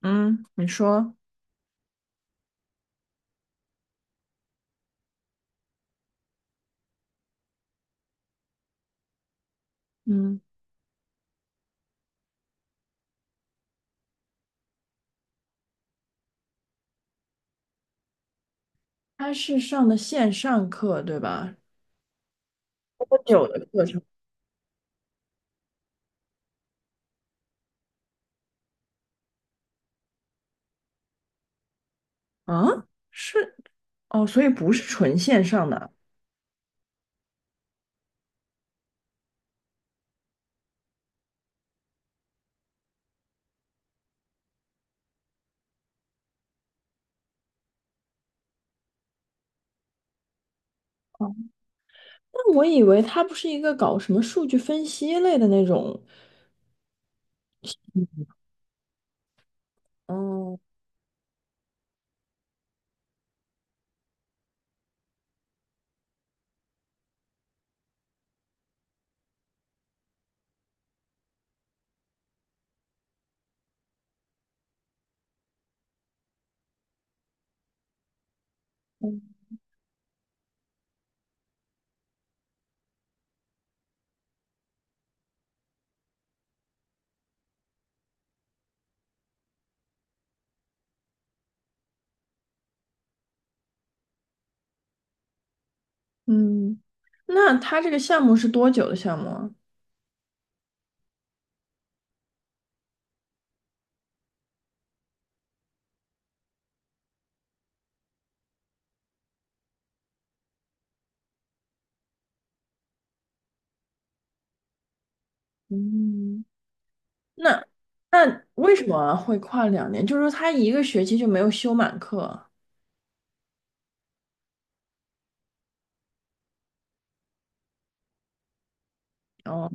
嗯，你说。嗯，他是上的线上课，对吧？多久的课程啊？是，哦，所以不是纯线上的。哦，那我以为他不是一个搞什么数据分析类的那种。哦。嗯，那他这个项目是多久的项目啊？嗯，那为什么会跨两年？就是说他一个学期就没有修满课啊。哦。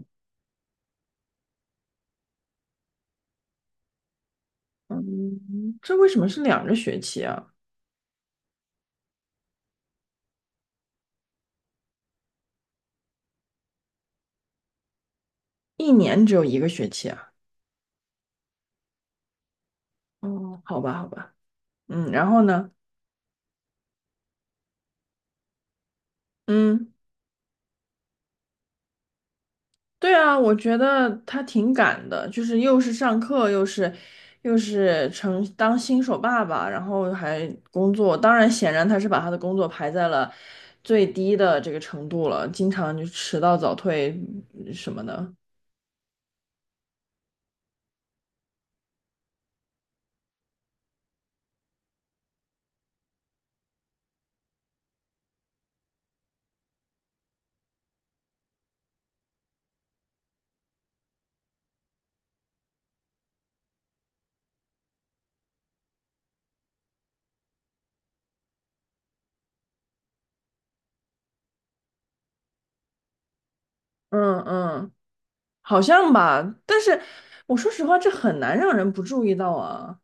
嗯，这为什么是两个学期啊？一年只有一个学期啊？哦，好吧，好吧。嗯，然后呢？嗯，对啊，我觉得他挺赶的，就是又是上课，又是成当新手爸爸，然后还工作。当然，显然他是把他的工作排在了最低的这个程度了，经常就迟到早退什么的。嗯嗯，好像吧，但是我说实话，这很难让人不注意到啊。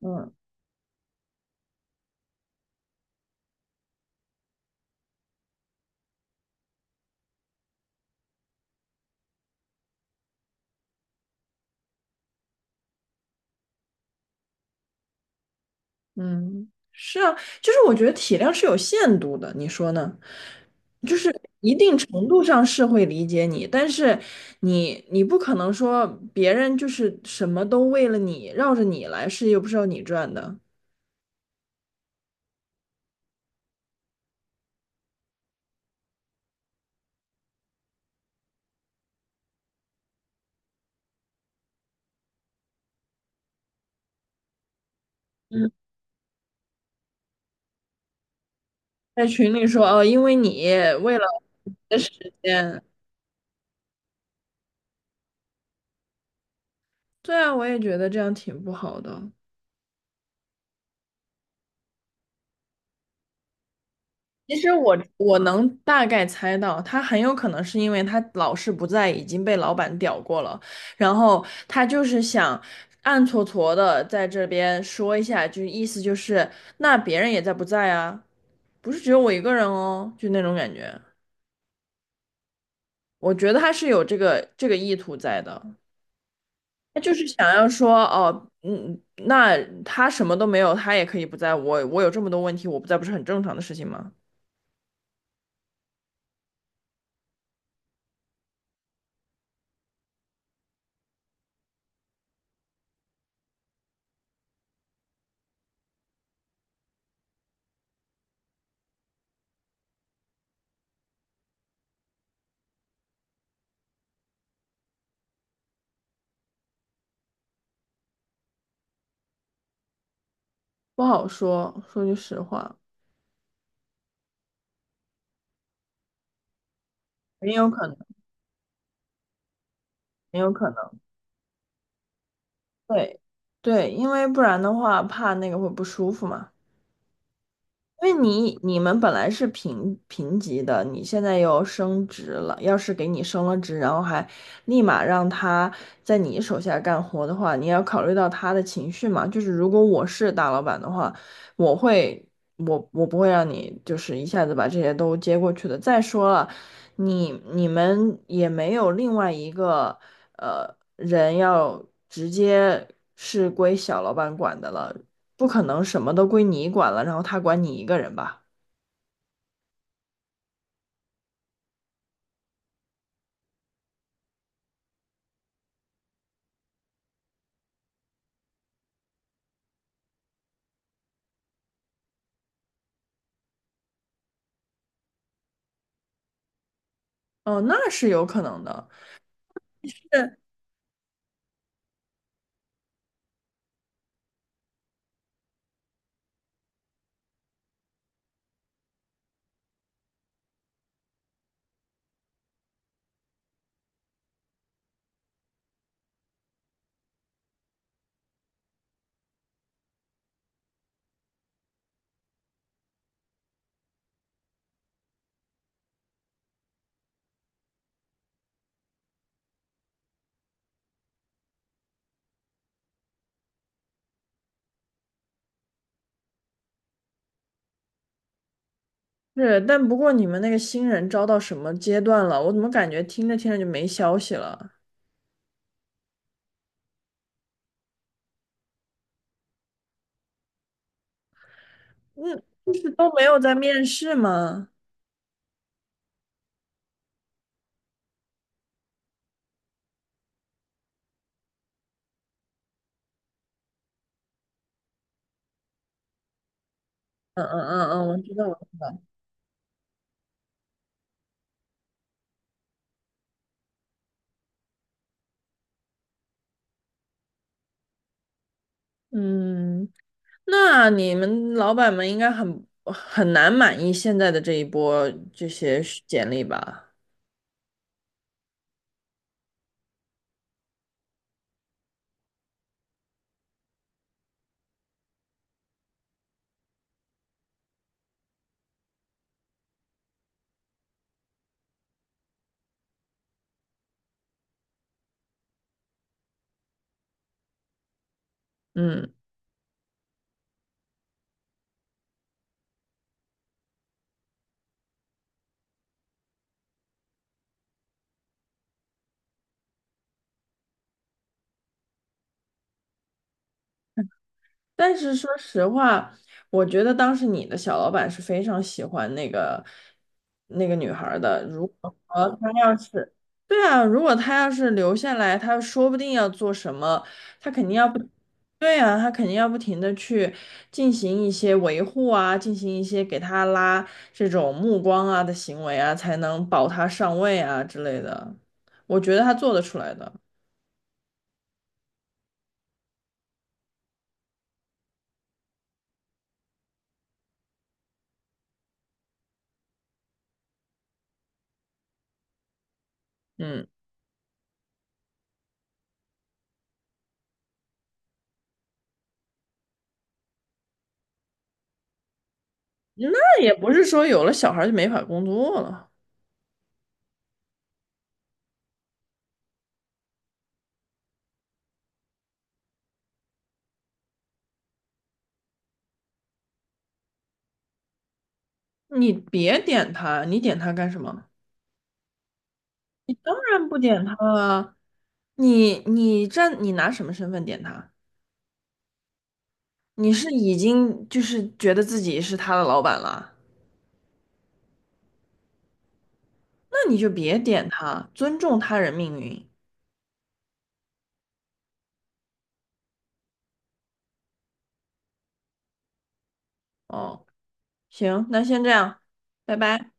嗯。嗯，是啊，就是我觉得体谅是有限度的，你说呢？就是一定程度上是会理解你，但是你不可能说别人就是什么都为了你绕着你来，是又不是要你赚的。嗯，在群里说哦，因为你为了我的时间。对啊，我也觉得这样挺不好的。其实我能大概猜到，他很有可能是因为他老是不在，已经被老板屌过了，然后他就是想暗搓搓的在这边说一下，就意思就是那别人也在不在啊，不是只有我一个人哦，就那种感觉。我觉得他是有这个意图在的，他就是想要说哦，嗯，那他什么都没有，他也可以不在，我有这么多问题，我不在不是很正常的事情吗？不好说，说句实话，很有可能。很有可能。对对，因为不然的话，怕那个会不舒服嘛。因为你们本来是平级的，你现在又升职了。要是给你升了职，然后还立马让他在你手下干活的话，你也要考虑到他的情绪嘛。就是如果我是大老板的话，我会我不会让你就是一下子把这些都接过去的。再说了，你们也没有另外一个呃人要直接是归小老板管的了。不可能什么都归你管了，然后他管你一个人吧？哦，那是有可能的。是是，但不过你们那个新人招到什么阶段了？我怎么感觉听着听着就没消息了？嗯，就是都没有在面试吗？嗯嗯嗯嗯，我知道，我知道。嗯，那你们老板们应该很难满意现在的这一波这些简历吧？嗯。但是说实话，我觉得当时你的小老板是非常喜欢那个女孩儿的。如果说她要是，对啊，如果她要是留下来，她说不定要做什么，她肯定要不，对啊，她肯定要不停的去进行一些维护啊，进行一些给她拉这种目光啊的行为啊，才能保她上位啊之类的。我觉得她做得出来的。嗯，那也不是说有了小孩儿就没法工作了。你别点他，你点他干什么？你当然不点他了。你你站，你拿什么身份点他？你是已经就是觉得自己是他的老板了，那你就别点他，尊重他人命运。哦，行，那先这样，拜拜。